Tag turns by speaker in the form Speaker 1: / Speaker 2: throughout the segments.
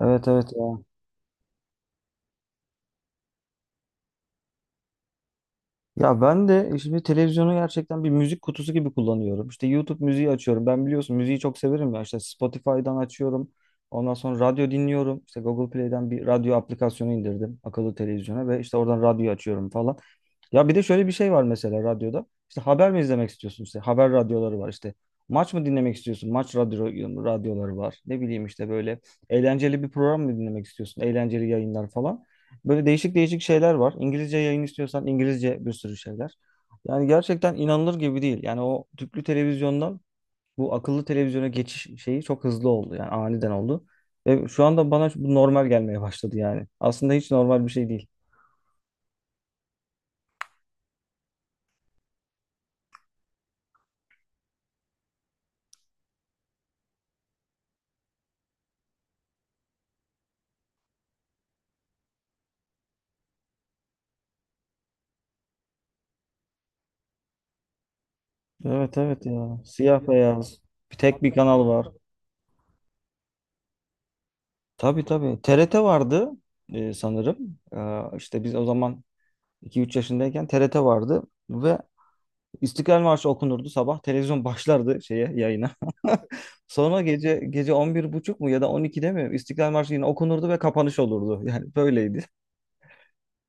Speaker 1: Evet evet ya. Ya ben de şimdi televizyonu gerçekten bir müzik kutusu gibi kullanıyorum. İşte YouTube müziği açıyorum. Ben biliyorsun müziği çok severim ya. İşte Spotify'dan açıyorum. Ondan sonra radyo dinliyorum. İşte Google Play'den bir radyo aplikasyonu indirdim akıllı televizyona ve işte oradan radyo açıyorum falan. Ya bir de şöyle bir şey var mesela radyoda. İşte haber mi izlemek istiyorsun? İşte haber radyoları var işte. Maç mı dinlemek istiyorsun? Maç radyoları var. Ne bileyim işte böyle eğlenceli bir program mı dinlemek istiyorsun? Eğlenceli yayınlar falan. Böyle değişik değişik şeyler var. İngilizce yayın istiyorsan İngilizce bir sürü şeyler. Yani gerçekten inanılır gibi değil. Yani o tüplü televizyondan bu akıllı televizyona geçiş şeyi çok hızlı oldu. Yani aniden oldu. Ve şu anda bana bu normal gelmeye başladı yani. Aslında hiç normal bir şey değil. Evet evet ya. Siyah beyaz. Bir tek bir kanal var. Tabii tabii. TRT vardı sanırım. İşte biz o zaman 2-3 yaşındayken TRT vardı ve İstiklal Marşı okunurdu sabah. Televizyon başlardı şeye yayına. Sonra gece gece 11:30 mu ya da 12'de mi İstiklal Marşı yine okunurdu ve kapanış olurdu. Yani böyleydi.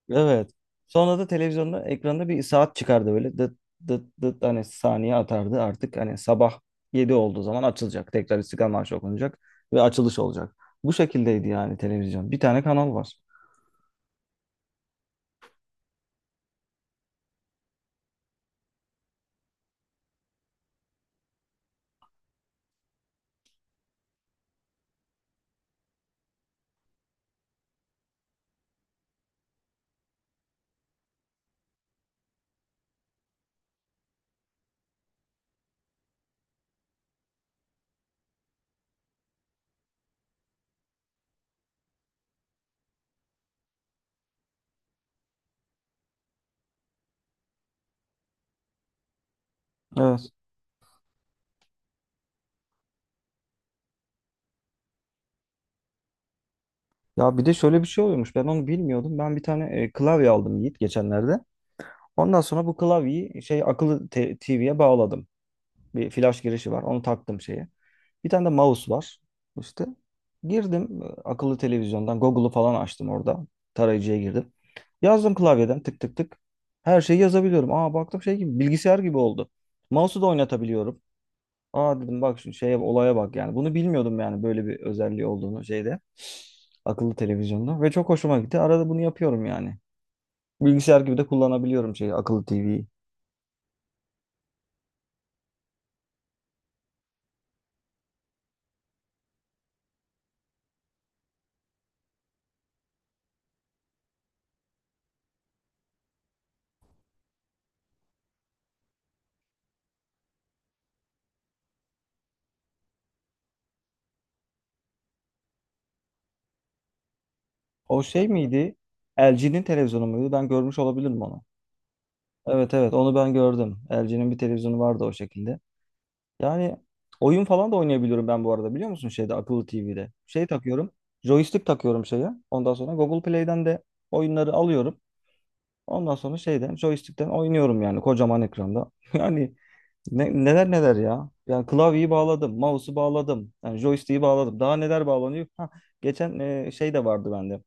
Speaker 1: Evet. Sonra da televizyonda ekranda bir saat çıkardı böyle dıt dıt dıt hani saniye atardı artık hani sabah 7 olduğu zaman açılacak. Tekrar İstiklal Marşı okunacak ve açılış olacak. Bu şekildeydi yani televizyon. Bir tane kanal var. Evet. Ya bir de şöyle bir şey oluyormuş. Ben onu bilmiyordum. Ben bir tane klavye aldım Yiğit geçenlerde. Ondan sonra bu klavyeyi şey akıllı TV'ye bağladım. Bir flash girişi var. Onu taktım şeye. Bir tane de mouse var. İşte girdim akıllı televizyondan Google'u falan açtım orada. Tarayıcıya girdim. Yazdım klavyeden tık tık tık. Her şeyi yazabiliyorum. Aa baktım şey gibi bilgisayar gibi oldu. Mouse'u da oynatabiliyorum. Aa dedim bak şimdi şeye olaya bak yani. Bunu bilmiyordum yani böyle bir özelliği olduğunu şeyde. Akıllı televizyonda ve çok hoşuma gitti. Arada bunu yapıyorum yani. Bilgisayar gibi de kullanabiliyorum şey akıllı TV'yi. O şey miydi? LG'nin televizyonu muydu? Ben görmüş olabilirim onu. Evet evet, onu ben gördüm. LG'nin bir televizyonu vardı o şekilde. Yani oyun falan da oynayabiliyorum ben bu arada biliyor musun şeyde akıllı TV'de. Şey takıyorum. Joystick takıyorum şeye. Ondan sonra Google Play'den de oyunları alıyorum. Ondan sonra şeyden joystick'ten oynuyorum yani kocaman ekranda. Yani neler neler ya. Yani klavyeyi bağladım, mouse'u bağladım, yani joystick'i bağladım. Daha neler bağlanıyor? Ha, geçen şey de vardı bende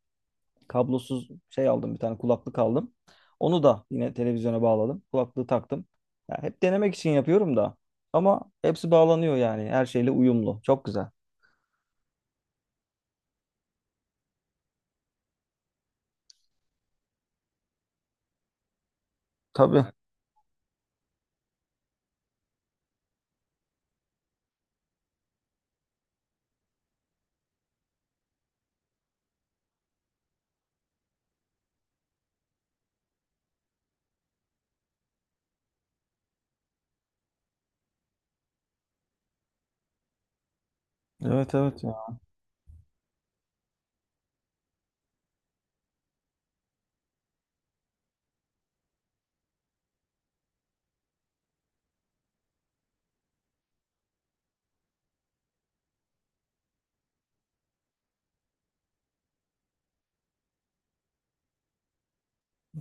Speaker 1: kablosuz şey aldım bir tane kulaklık aldım. Onu da yine televizyona bağladım. Kulaklığı taktım. Ya hep denemek için yapıyorum da. Ama hepsi bağlanıyor yani. Her şeyle uyumlu. Çok güzel. Tabii. Evet evet ya.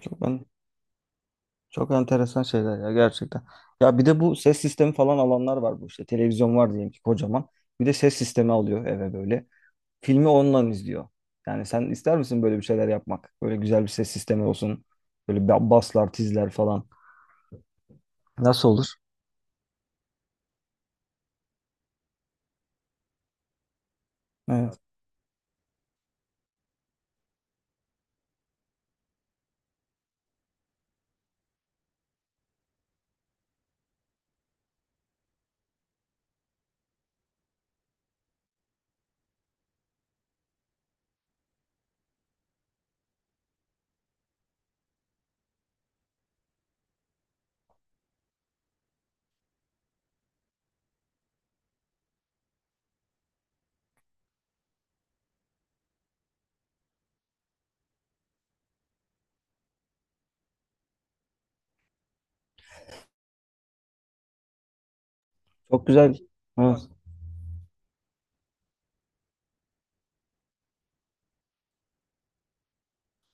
Speaker 1: Çok ben Çok enteresan şeyler ya gerçekten. Ya bir de bu ses sistemi falan alanlar var bu işte. Televizyon var diyelim ki kocaman. Bir de ses sistemi alıyor eve böyle. Filmi ondan izliyor. Yani sen ister misin böyle bir şeyler yapmak? Böyle güzel bir ses sistemi olsun. Böyle baslar, tizler falan. Nasıl olur? Evet. Çok güzel. Evet.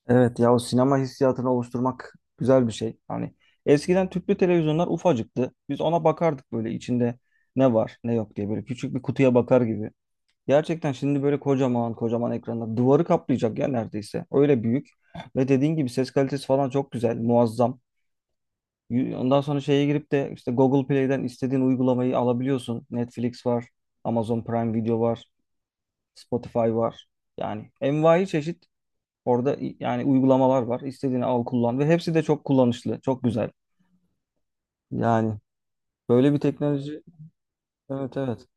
Speaker 1: Evet ya o sinema hissiyatını oluşturmak güzel bir şey. Hani eskiden tüplü televizyonlar ufacıktı. Biz ona bakardık böyle içinde ne var ne yok diye böyle küçük bir kutuya bakar gibi. Gerçekten şimdi böyle kocaman kocaman ekranlar duvarı kaplayacak ya neredeyse. Öyle büyük. Ve dediğin gibi ses kalitesi falan çok güzel, muazzam. Ondan sonra şeye girip de işte Google Play'den istediğin uygulamayı alabiliyorsun. Netflix var, Amazon Prime Video var, Spotify var. Yani envai çeşit orada yani uygulamalar var. İstediğini al kullan ve hepsi de çok kullanışlı, çok güzel. Yani böyle bir teknoloji, evet evet.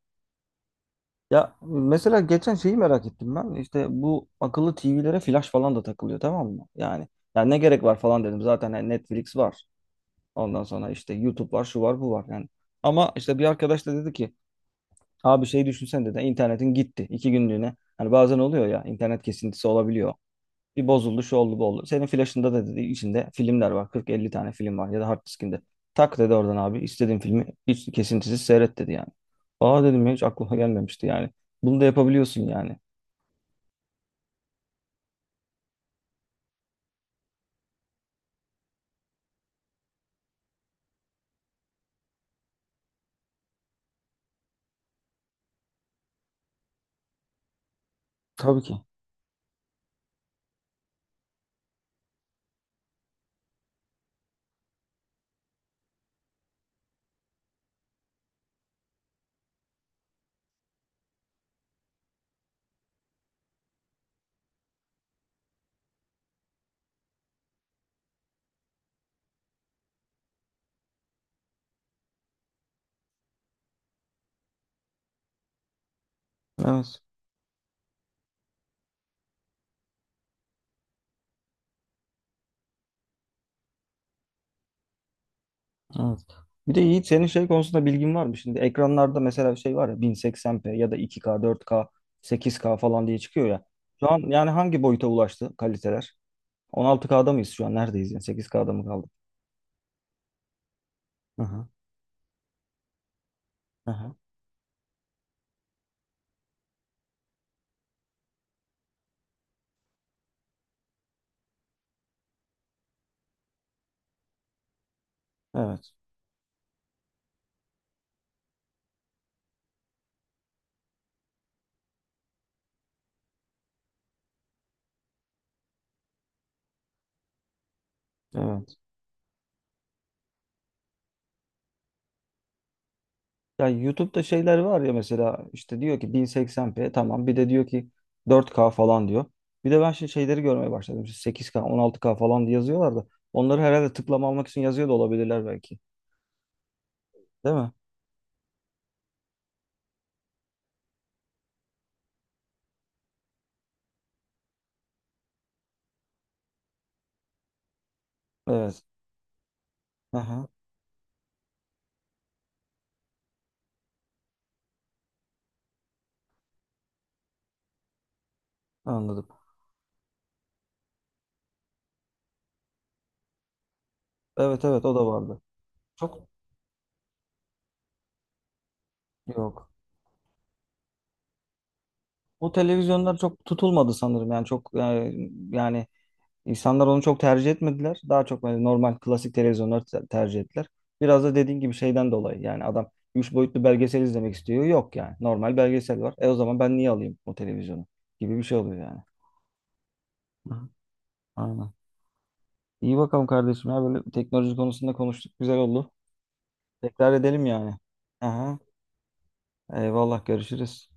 Speaker 1: Ya mesela geçen şeyi merak ettim ben. İşte bu akıllı TV'lere flash falan da takılıyor tamam mı? Yani ne gerek var falan dedim. Zaten hani Netflix var. Ondan sonra işte YouTube var, şu var, bu var yani. Ama işte bir arkadaş da dedi ki abi şey düşünsen dedi internetin gitti 2 günlüğüne. Hani bazen oluyor ya internet kesintisi olabiliyor. Bir bozuldu, şu oldu, bu oldu. Senin flash'ında da dedi içinde filmler var. 40-50 tane film var ya da hard diskinde. Tak dedi oradan abi istediğin filmi hiç kesintisiz seyret dedi yani. Aa dedim ya hiç aklıma gelmemişti yani. Bunu da yapabiliyorsun yani. Tabii ki. Evet. Evet. Bir de Yiğit senin şey konusunda bilgin var mı? Şimdi ekranlarda mesela şey var ya 1080p ya da 2K, 4K, 8K falan diye çıkıyor ya. Şu an yani hangi boyuta ulaştı kaliteler? 16K'da mıyız şu an? Neredeyiz yani? 8K'da mı kaldık? Hı hı. Hı hı. Evet. Evet. Ya YouTube'da şeyler var ya mesela işte diyor ki 1080p tamam bir de diyor ki 4K falan diyor. Bir de ben şimdi şeyleri görmeye başladım. İşte 8K, 16K falan diye yazıyorlar da onları herhalde tıklama almak için yazıyor da olabilirler belki. Değil mi? Evet. Aha, anladım. Evet evet o da vardı. Çok yok. Bu televizyonlar çok tutulmadı sanırım, yani çok yani, yani İnsanlar onu çok tercih etmediler. Daha çok böyle normal klasik televizyonları tercih ettiler. Biraz da dediğin gibi şeyden dolayı yani adam 3 boyutlu belgesel izlemek istiyor. Yok yani normal belgesel var. E o zaman ben niye alayım o televizyonu gibi bir şey oluyor yani. Hı, aynen. İyi bakalım kardeşim ya böyle teknoloji konusunda konuştuk, güzel oldu. Tekrar edelim yani. Aha, eyvallah görüşürüz.